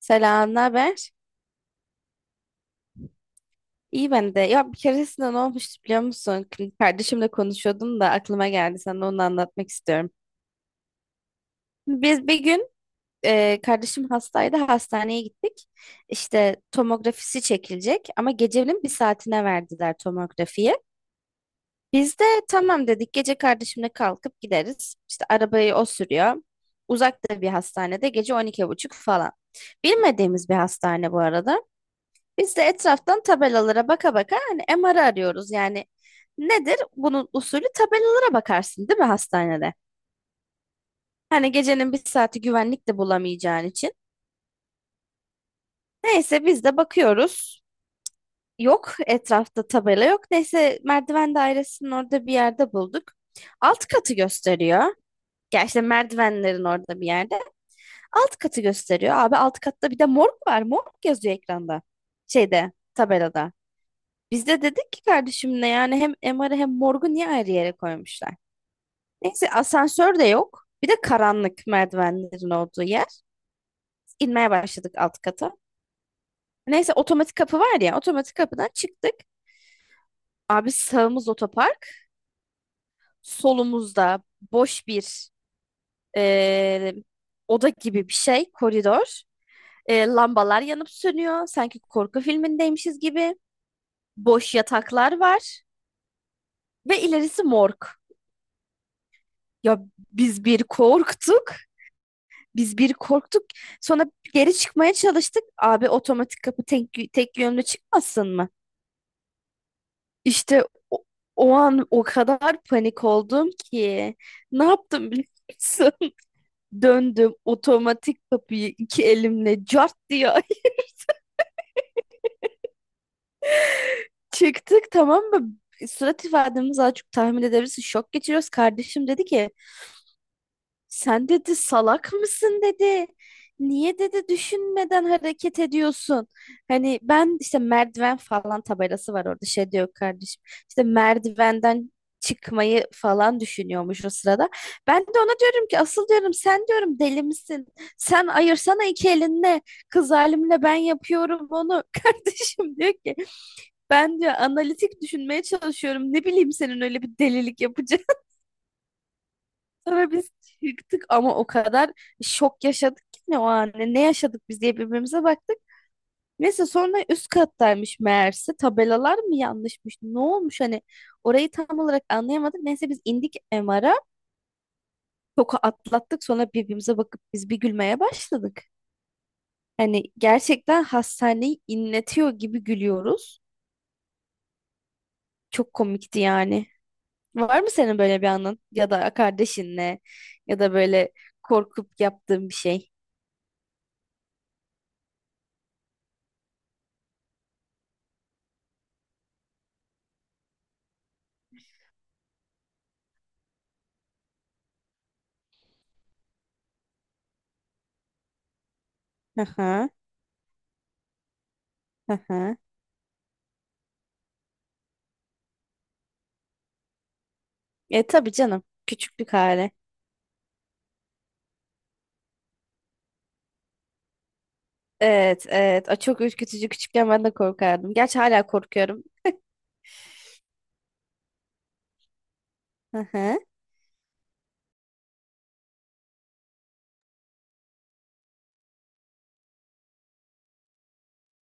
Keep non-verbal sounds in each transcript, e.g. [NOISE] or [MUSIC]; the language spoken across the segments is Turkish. Selam, ne haber? İyi ben de. Ya bir keresinde ne olmuştu biliyor musun? Kardeşimle konuşuyordum da aklıma geldi. Sana onu anlatmak istiyorum. Biz bir gün kardeşim hastaydı. Hastaneye gittik. İşte tomografisi çekilecek ama gecenin bir saatine verdiler tomografiyi. Biz de tamam dedik. Gece kardeşimle kalkıp gideriz. İşte arabayı o sürüyor. Uzakta bir hastanede gece on iki buçuk falan. Bilmediğimiz bir hastane bu arada. Biz de etraftan tabelalara baka baka hani MR arıyoruz yani. Nedir? Bunun usulü tabelalara bakarsın değil mi hastanede? Hani gecenin bir saati güvenlik de bulamayacağın için. Neyse biz de bakıyoruz. Yok etrafta tabela yok. Neyse merdiven dairesinin orada bir yerde bulduk. Alt katı gösteriyor. Ya işte merdivenlerin orada bir yerde. Alt katı gösteriyor. Abi alt katta bir de morg var. Morg yazıyor ekranda. Şeyde tabelada. Biz de dedik ki kardeşimle yani hem MR'ı hem morgu niye ayrı yere koymuşlar? Neyse asansör de yok. Bir de karanlık merdivenlerin olduğu yer. İnmeye başladık alt kata. Neyse otomatik kapı var ya, otomatik kapıdan çıktık. Abi sağımız otopark. Solumuzda boş bir eee, oda gibi bir şey, koridor. Lambalar yanıp sönüyor. Sanki korku filmindeymişiz gibi. Boş yataklar var. Ve ilerisi morg. Ya biz bir korktuk. Biz bir korktuk. Sonra geri çıkmaya çalıştık. Abi otomatik kapı tek, tek yönlü çıkmasın mı? İşte o, o an o kadar panik oldum ki. Ne yaptım biliyor musun? [LAUGHS] Döndüm otomatik kapıyı iki elimle cart diye [LAUGHS] çıktık, tamam mı? Surat ifademiz az çok tahmin edebilirsin. Şok geçiriyoruz. Kardeşim dedi ki sen dedi salak mısın dedi. Niye dedi düşünmeden hareket ediyorsun? Hani ben işte merdiven falan tabelası var orada şey diyor kardeşim. İşte merdivenden çıkmayı falan düşünüyormuş o sırada. Ben de ona diyorum ki asıl diyorum sen diyorum deli misin? Sen ayırsana iki elinle. Kız halimle ben yapıyorum onu. [LAUGHS] Kardeşim diyor ki ben diyor analitik düşünmeye çalışıyorum. Ne bileyim senin öyle bir delilik yapacağını. Sonra biz çıktık ama o kadar şok yaşadık ki ne o an ne yaşadık biz diye birbirimize baktık. Neyse sonra üst kattaymış meğerse, tabelalar mı yanlışmış ne olmuş, hani orayı tam olarak anlayamadık. Neyse biz indik MR'a, şoku atlattık, sonra birbirimize bakıp biz bir gülmeye başladık. Hani gerçekten hastaneyi inletiyor gibi gülüyoruz. Çok komikti yani. Var mı senin böyle bir anın ya da kardeşinle ya da böyle korkup yaptığın bir şey? Hı hı. Hı hı. E tabii canım. Küçüklük hali. Evet, evet. A, çok ürkütücü, küçükken ben de korkardım. Gerçi hala korkuyorum. Hı hı.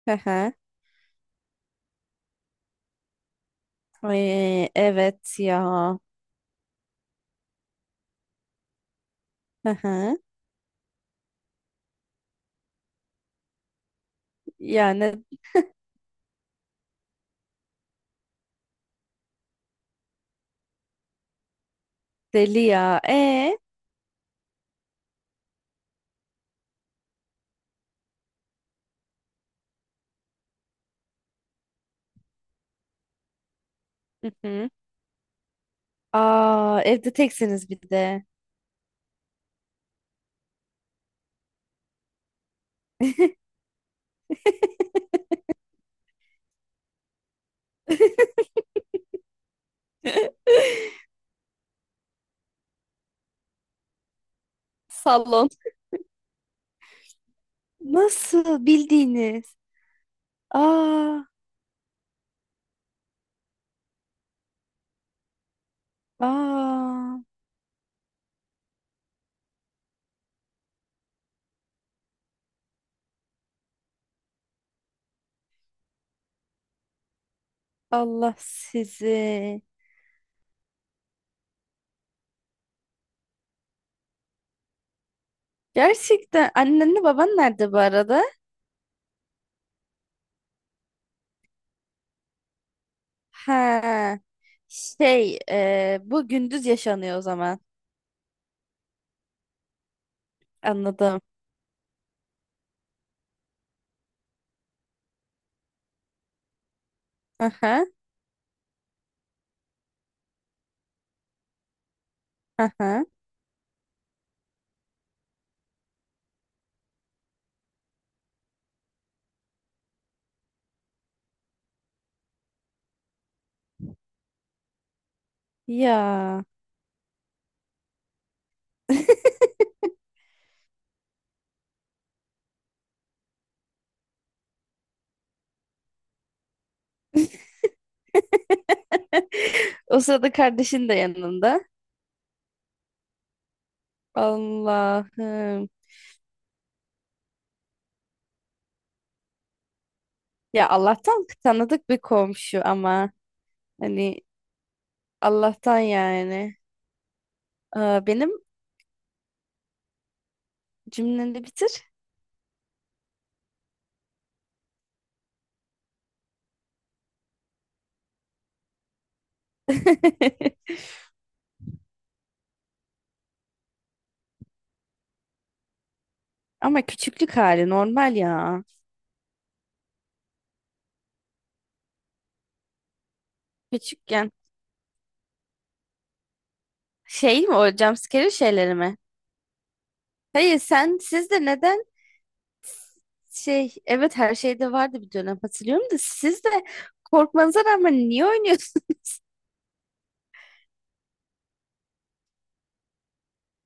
Hı hı. Ay, evet ya. Hı hı. Yani deli ya. E. Hı hı. Aa, evde teksiniz bir de. [LAUGHS] Salon. Nasıl bildiğiniz? Aa, aa. Allah sizi. Gerçekten annenle baban nerede bu arada? Ha, şey e, bu gündüz yaşanıyor o zaman. Anladım. Aha, aha. Ya. [LAUGHS] O sırada kardeşin de yanında. Allah'ım. Ya Allah'tan tanıdık bir komşu ama hani Allah'tan yani. Aa, benim cümleni bitir. [LAUGHS] Ama küçüklük hali normal ya. Küçükken şey mi, o jumpscare şeyleri mi? Hayır sen sizde neden. Şey, evet, her şeyde vardı bir dönem hatırlıyorum da, siz de korkmanıza rağmen niye oynuyorsunuz?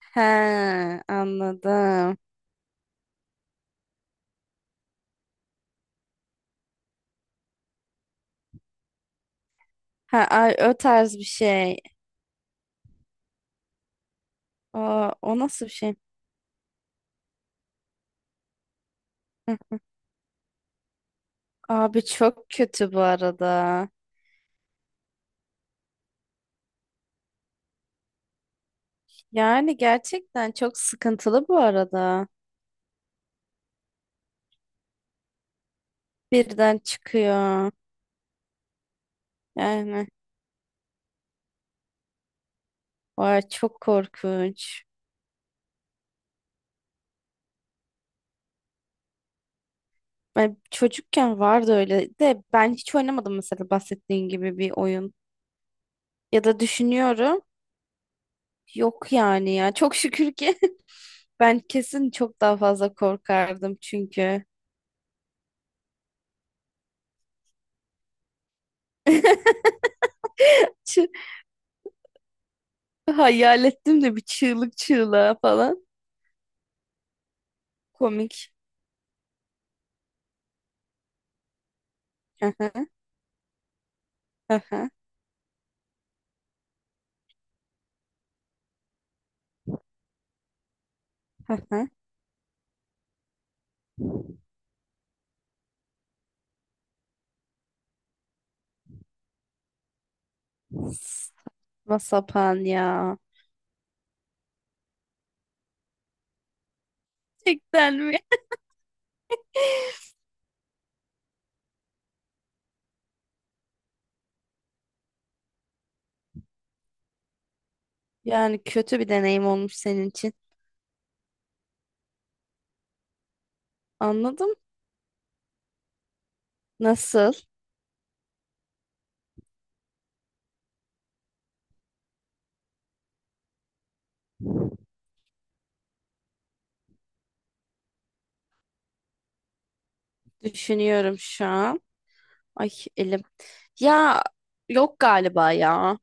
[LAUGHS] He, anladım. Ha, ay, o tarz bir şey. Aa, o nasıl bir şey? Hı. Abi çok kötü bu arada. Yani gerçekten çok sıkıntılı bu arada. Birden çıkıyor. Yani vay çok korkunç. Ben çocukken vardı öyle de ben hiç oynamadım mesela bahsettiğin gibi bir oyun. Ya da düşünüyorum. Yok yani ya. Çok şükür ki [LAUGHS] ben kesin çok daha fazla korkardım çünkü. Çı- hayal ettim de bir çığlık çığlığa falan. Komik. Aha, aha, aha. Saçma sapan ya. Gerçekten mi? Yani kötü bir deneyim olmuş senin için. Anladım. Nasıl? Düşünüyorum şu an. Ay elim. Ya yok galiba ya.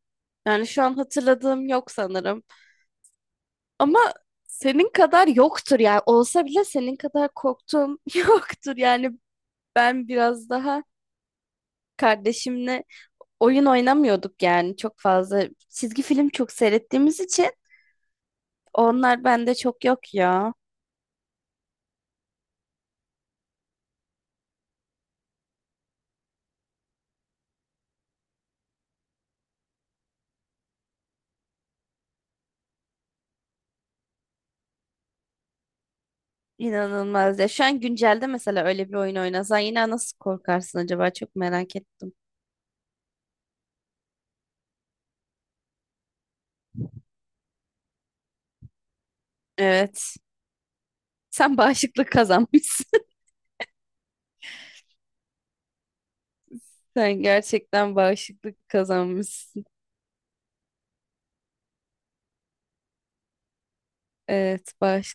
Yani şu an hatırladığım yok sanırım. Ama senin kadar yoktur yani. Olsa bile senin kadar korktuğum [LAUGHS] yoktur. Yani ben biraz daha kardeşimle oyun oynamıyorduk yani çok fazla. Çizgi film çok seyrettiğimiz için onlar bende çok yok ya. İnanılmaz ya. Şu an güncelde mesela öyle bir oyun oynasan yine nasıl korkarsın acaba? Çok merak ettim. Evet. Sen bağışıklık kazanmışsın. [LAUGHS] Sen gerçekten bağışıklık kazanmışsın. Evet, bağış.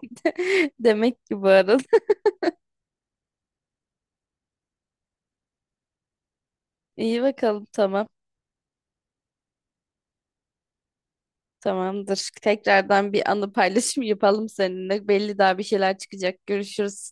[LAUGHS] Demek ki bu arada. [LAUGHS] İyi bakalım tamam. Tamamdır. Tekrardan bir anı paylaşım yapalım seninle. Belli daha bir şeyler çıkacak. Görüşürüz.